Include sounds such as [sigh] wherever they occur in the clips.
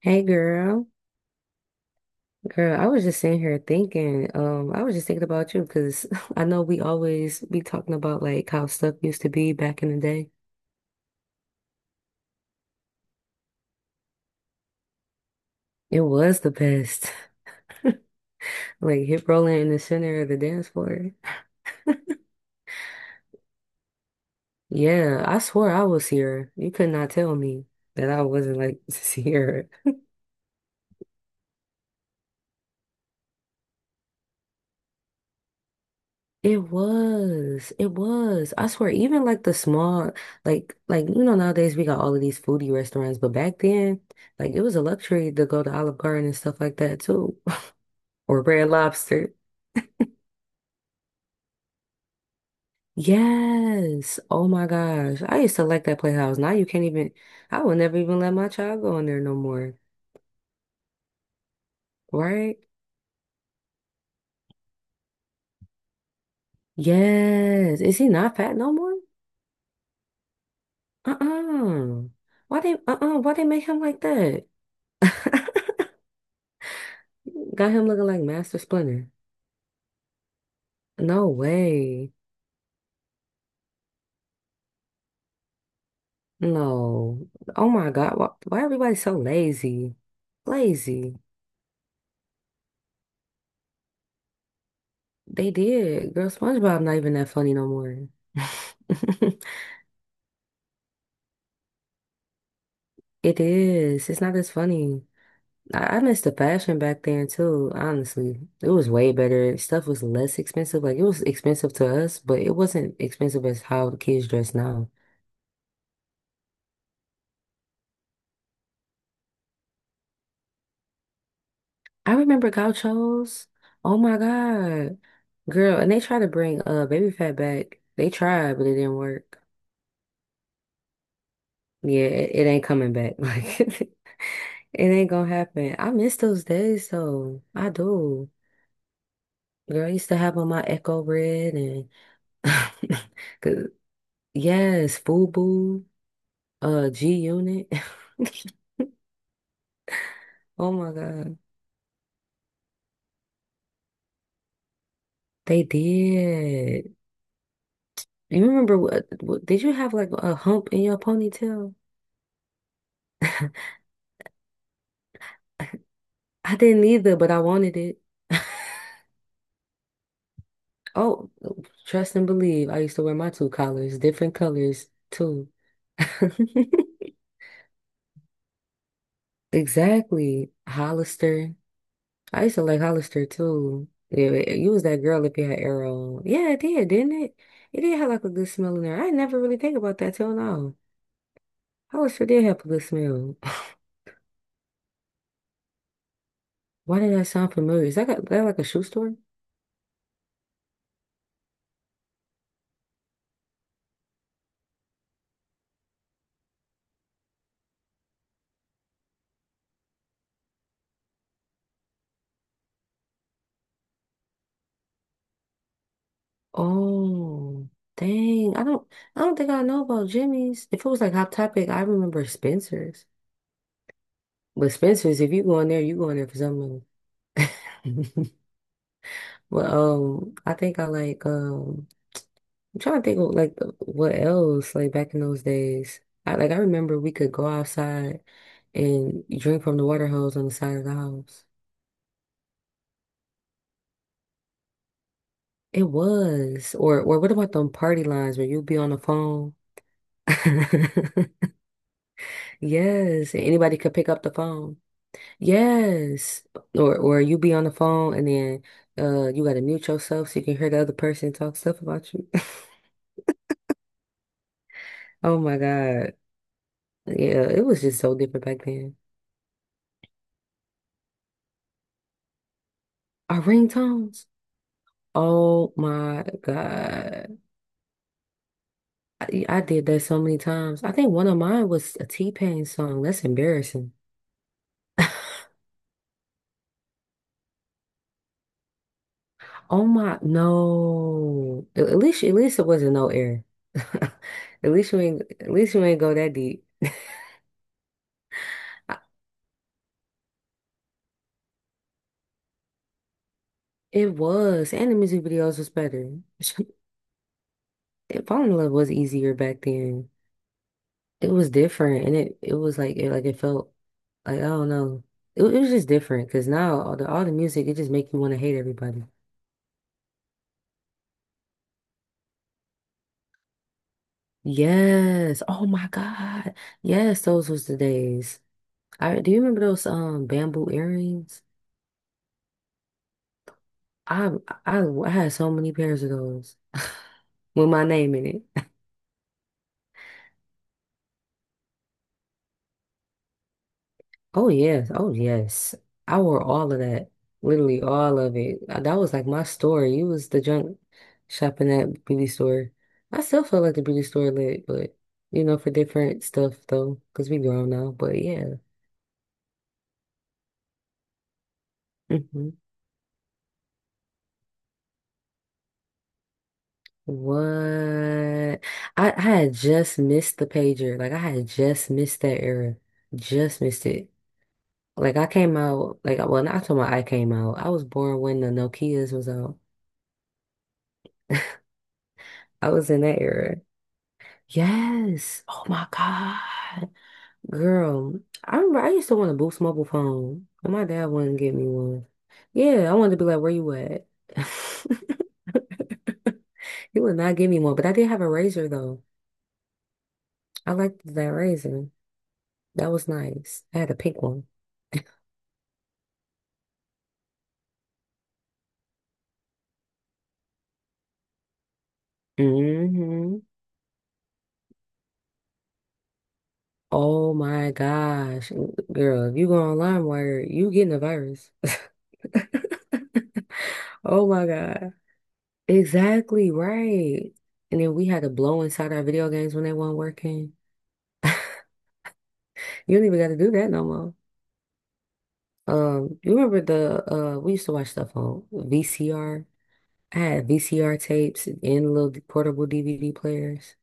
Hey girl. Girl, I was just sitting here thinking, I was just thinking about you because [laughs] I know we always be talking about like how stuff used to be back in the day. It was the best. [laughs] Like hip rolling in the center of the dance floor. Yeah, I swore I was here. You could not tell me that I wasn't like [laughs] here. It was. It was. I swear, even like the small, nowadays we got all of these foodie restaurants, but back then, like it was a luxury to go to Olive Garden and stuff like that too. Or Red Lobster. Yes. Oh my gosh. I used to like that Playhouse. Now you can't even, I would never even let my child go in there no more. Right? Yes. Is he not fat no more? Uh-uh. Why they make him like that? [laughs] Got him looking like Master Splinter. No way. No. Oh my God. Why everybody so lazy? Lazy. They did. Girl, SpongeBob not even that funny no more. [laughs] It is. It's not as funny. I missed the fashion back then too, honestly. It was way better. Stuff was less expensive. Like it was expensive to us, but it wasn't expensive as how the kids dress now. I remember gauchos. Oh my God. Girl, and they tried to bring baby fat back. They tried, but it didn't work. Yeah, it ain't coming back. [laughs] Like it ain't gonna happen. I miss those days though. I do. Girl, I used to have on my Echo Red and [laughs] 'cause yes, FUBU, G-Unit. [laughs] Oh my God, they did. You remember what? Did you have like a hump in your ponytail? I didn't either, but I wanted it. [laughs] Oh, trust and believe. I used to wear my two collars, different colors too. [laughs] Exactly, Hollister. I used to like Hollister too. Yeah, you was that girl if you had Arrow. Yeah, it did, didn't it? It did have like a good smell in there. I never really think about that till now. How sure did have public smell. [laughs] Why did that sound familiar? Is that like a shoe store? Oh, dang. I don't think I know about Jimmy's. If it was like Hot Topic, I remember Spencer's. But Spencer's, if you go in there, you go in there for something. [laughs] But I think I like, I'm trying to think of like what else like back in those days. I like, I remember we could go outside and drink from the water hose on the side of the house. It was. Or what about them party lines where you'd be on the phone? [laughs] Yes, and anybody could pick up the phone. Yes. Or you be on the phone and then you gotta mute yourself so you can hear the other person talk stuff about you. [laughs] Oh my God. Yeah, it was just so different back then. Our ringtones. Oh my God. I did that so many times. I think one of mine was a T-Pain song. That's embarrassing. [laughs] Oh my, no. At least it wasn't no air. [laughs] At least you ain't go that deep. I, it was, and the music videos was better. [laughs] Falling in love was easier back then. It was different, and it was like, it felt like, I don't know. It was just different because now all the music it just make you want to hate everybody. Yes. Oh my God. Yes, those was the days. I do You remember those bamboo earrings? I I I had so many pairs of those [laughs] with my name in it. Oh yes, oh yes. I wore all of that. Literally all of it. That was like my store. You was the junk shopping at beauty store. I still feel like the beauty store lit, but for different stuff though, because we grown now. But yeah. Hmm. What? I had just missed the pager. Like I had just missed that era. Just missed it. Like I came out, like, well, not to my, I came out. I was born when the Nokias was out. I was in that era. Yes. Oh my God. Girl, I remember I used to want a Boost mobile phone, and my dad wouldn't get me one. Yeah, I wanted to be like, where you at? [laughs] He would not give me one, but I did have a razor though. I liked that razor. That was nice. I had a pink one. hmm Oh my gosh. Girl, if you go on LimeWire, you getting a virus. Oh my God. Exactly right. And then we had to blow inside our video games when they weren't working. [laughs] You don't even got to do that no more. You remember the we used to watch stuff on VCR. I had VCR tapes and little portable DVD players.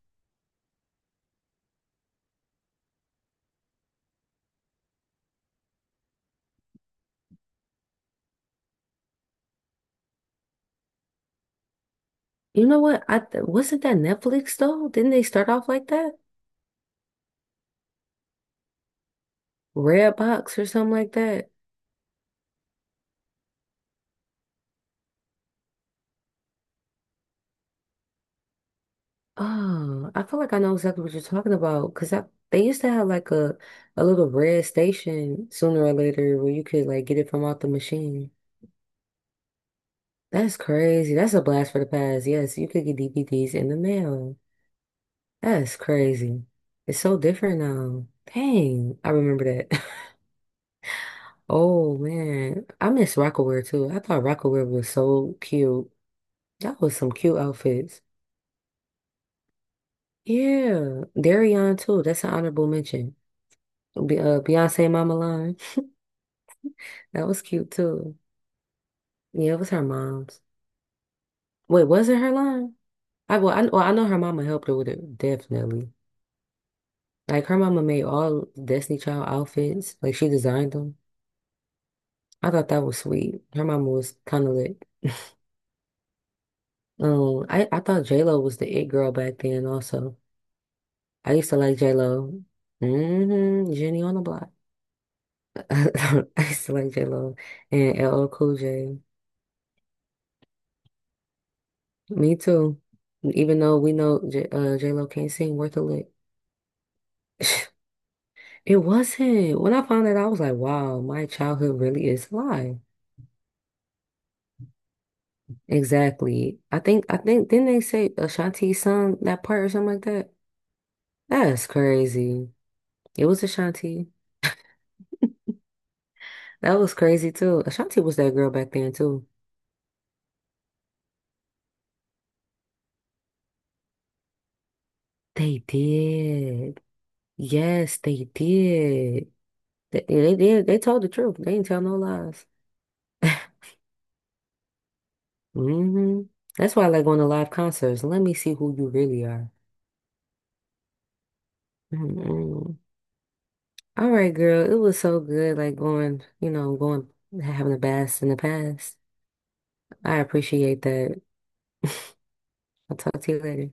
You know what? I th wasn't that Netflix though? Didn't they start off like that? Redbox or something like that. Oh, I feel like I know exactly what you're talking about because I they used to have like a little red station sooner or later where you could like get it from out the machine. That's crazy. That's a blast for the past. Yes, you could get DVDs in the mail. That's crazy. It's so different now. Dang, I remember that. [laughs] Oh man, I miss Rockaware too. I thought Rockaware was so cute. That was some cute outfits. Yeah, Darion too. That's an honorable mention. Beyonce Mama Line. That was cute too. Yeah, it was her mom's. Wait, was it her line? Well, I know her mama helped her with it, definitely. Like her mama made all Destiny Child outfits. Like she designed them. I thought that was sweet. Her mama was kind of lit. I thought J-Lo was the it girl back then also. I used to like J-Lo. Mm-hmm. Jenny on the block. [laughs] I used to like J-Lo and LL Cool J. Me too. Even though we know J-Lo can't sing worth a lick. [laughs] It wasn't. When I found that, I was like, wow, my childhood really is a lie. Exactly. I think, didn't they say Ashanti sung that part or something like that? That's crazy. It was Ashanti. [laughs] That was crazy too. Ashanti was that girl back then too. They did. Yes, they did. They did. They told the truth. They didn't tell no lies. [laughs] hmm That's why I like going to live concerts. Let me see who you really are. Mm-mm. All right, girl. It was so good, like going, having a blast in the past. I appreciate that. I'll talk to you later.